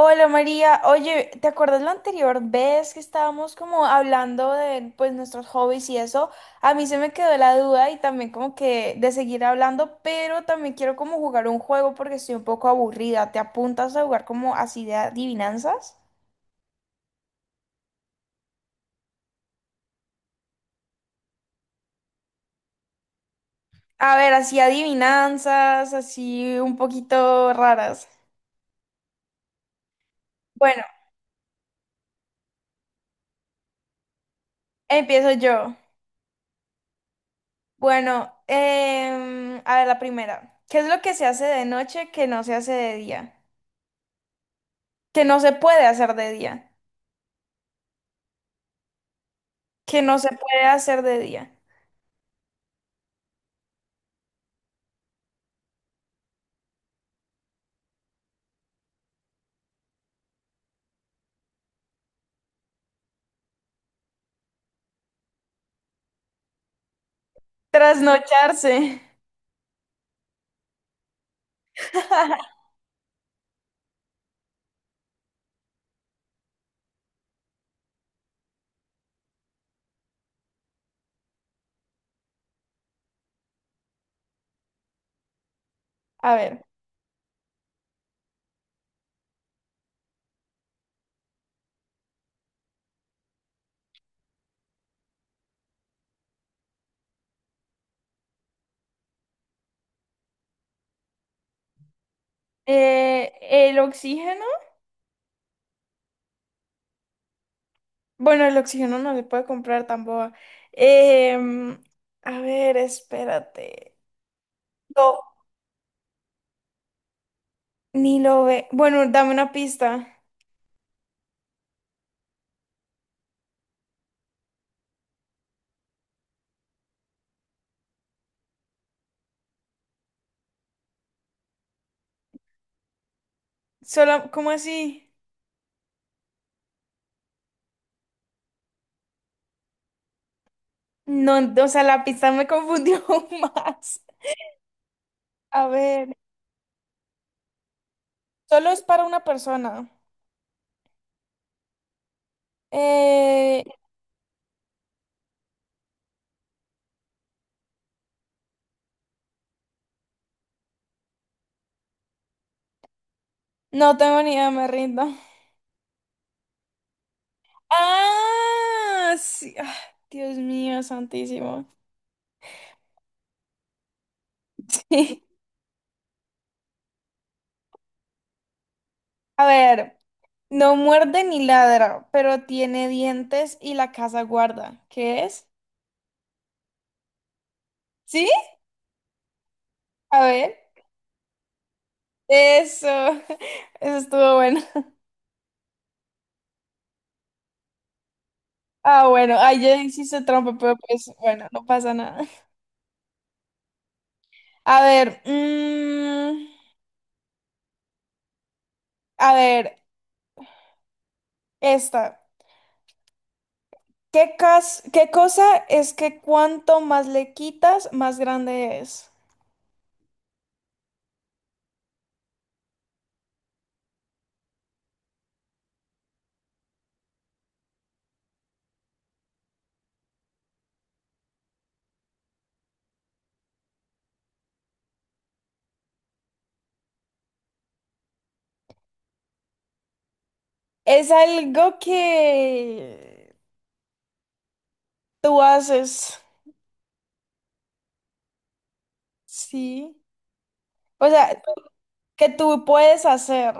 Hola María, oye, ¿te acuerdas la anterior vez que estábamos como hablando de pues nuestros hobbies y eso? A mí se me quedó la duda y también como que de seguir hablando, pero también quiero como jugar un juego porque estoy un poco aburrida. ¿Te apuntas a jugar como así de adivinanzas? A ver, así adivinanzas, así un poquito raras. Bueno, empiezo yo. Bueno, a ver, la primera. ¿Qué es lo que se hace de noche que no se hace de día? Que no se puede hacer de día. Que no se puede hacer de día. Trasnocharse. A ver, el oxígeno. Bueno, el oxígeno no se puede comprar tampoco. Em, a ver, espérate. No, ni lo ve. Bueno, dame una pista. Solo, ¿cómo así? No, o sea, la pista me confundió más. A ver, solo es para una persona. Eh, no tengo ni idea, me rindo. Ah, sí. Ah, Dios mío, santísimo. A ver, no muerde ni ladra, pero tiene dientes y la casa guarda. ¿Qué es? ¿Sí? A ver. Eso. Eso estuvo bueno. Ah, bueno. Ay, ya hiciste trampa, pero pues bueno, no pasa nada. A ver. A ver, esta. ¿ Qué cosa es que cuanto más le quitas, más grande es? Es algo que tú haces, sí. O sea, que tú puedes hacer.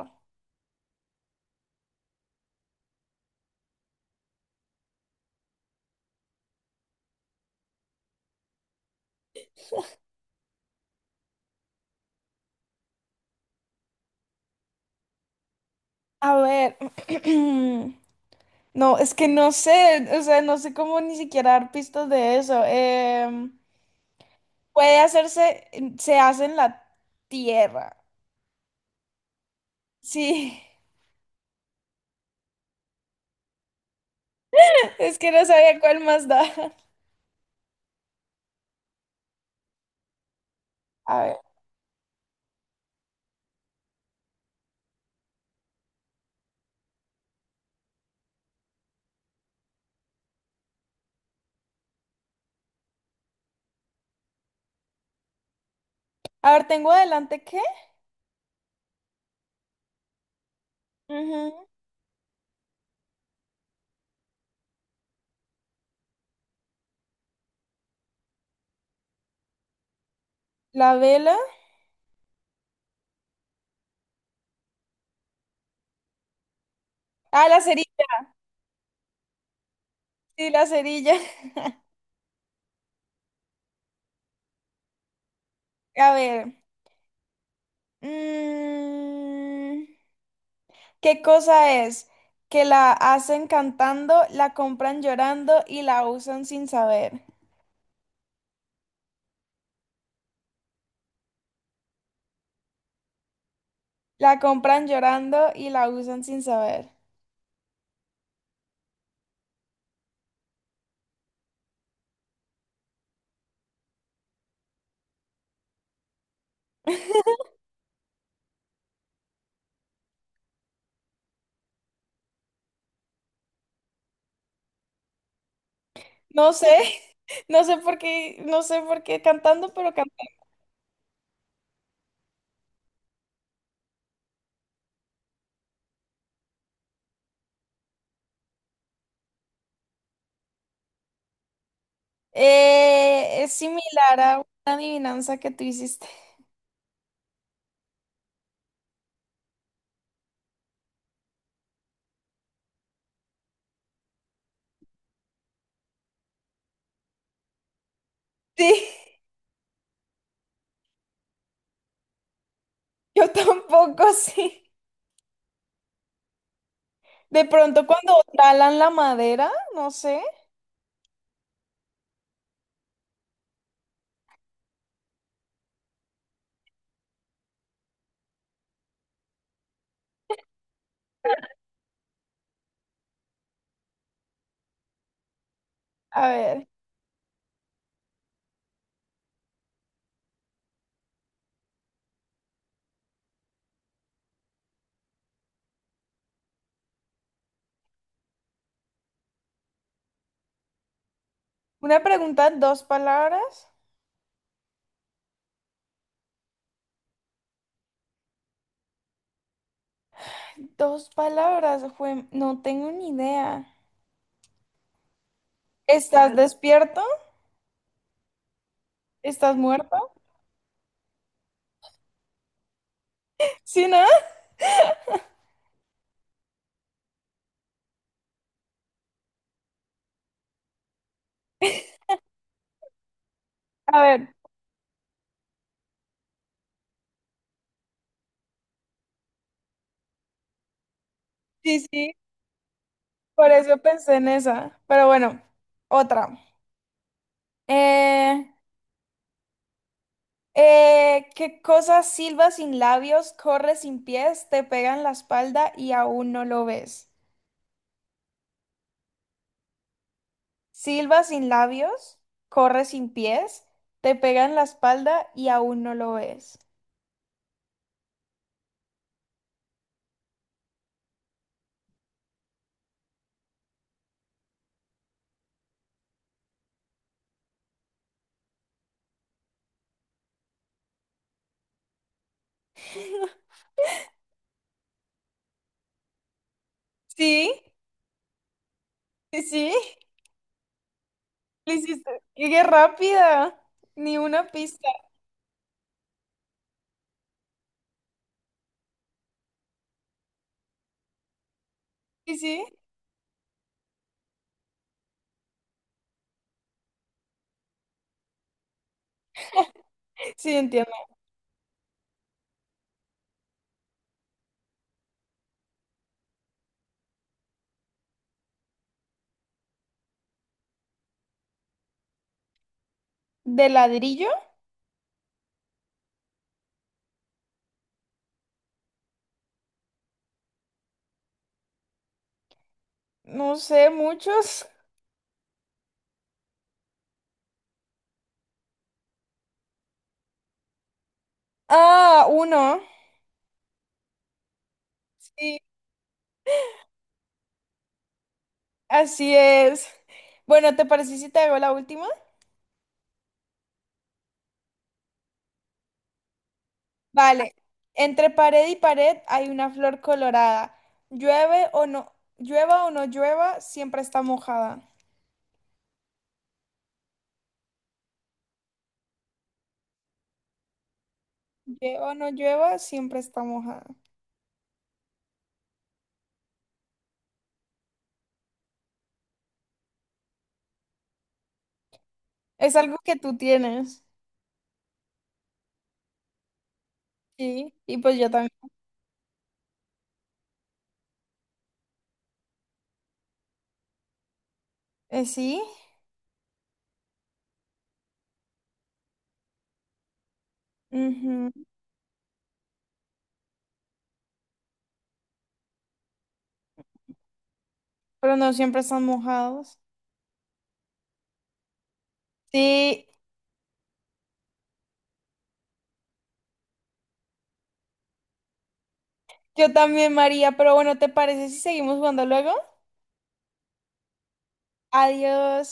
A ver, no, es que no sé, o sea, no sé cómo ni siquiera dar pistas de eso. Puede hacerse, se hace en la tierra. Sí, es que no sabía cuál más da. A ver, a ver, tengo adelante ¿qué? Ujú. La vela. Ah, la cerilla, sí, la cerilla. A ver. mm, ¿Qué cosa es? Que la hacen cantando, la compran llorando y la usan sin saber. La compran llorando y la usan sin saber. No sé, no sé por qué, no sé por qué cantando, pero cantando. Es similar a una adivinanza que tú hiciste. Sí, yo tampoco, sí. De pronto cuando talan la madera, no sé. A ver, una pregunta, dos palabras. Dos palabras, no tengo ni idea. ¿Estás despierto? ¿Estás muerto? Sí, ¿no? A ver, sí, sí, por eso pensé en esa. Pero bueno, otra. Eh, ¿Qué cosa silba sin labios, corre sin pies, te pega en la espalda y aún no lo ves? Silba sin labios, corre sin pies, te pega en la espalda y aún no lo ves. Sí, sí, sí, lo hiciste. ¡Qué rápida! Ni una pista. Sí, sí, sí, entiendo. ¿De ladrillo? No sé, muchos. Ah, uno. Sí, así es. Bueno, ¿te parece si te hago la última? Vale. Entre pared y pared hay una flor colorada. Llueve o no llueva, siempre está mojada. Llueva o no llueva, siempre está mojada. Es algo que tú tienes. Sí, y pues yo también. Sí, ujú. Pero no siempre están mojados. Sí, yo también, María. Pero bueno, ¿te parece si seguimos jugando luego? Adiós.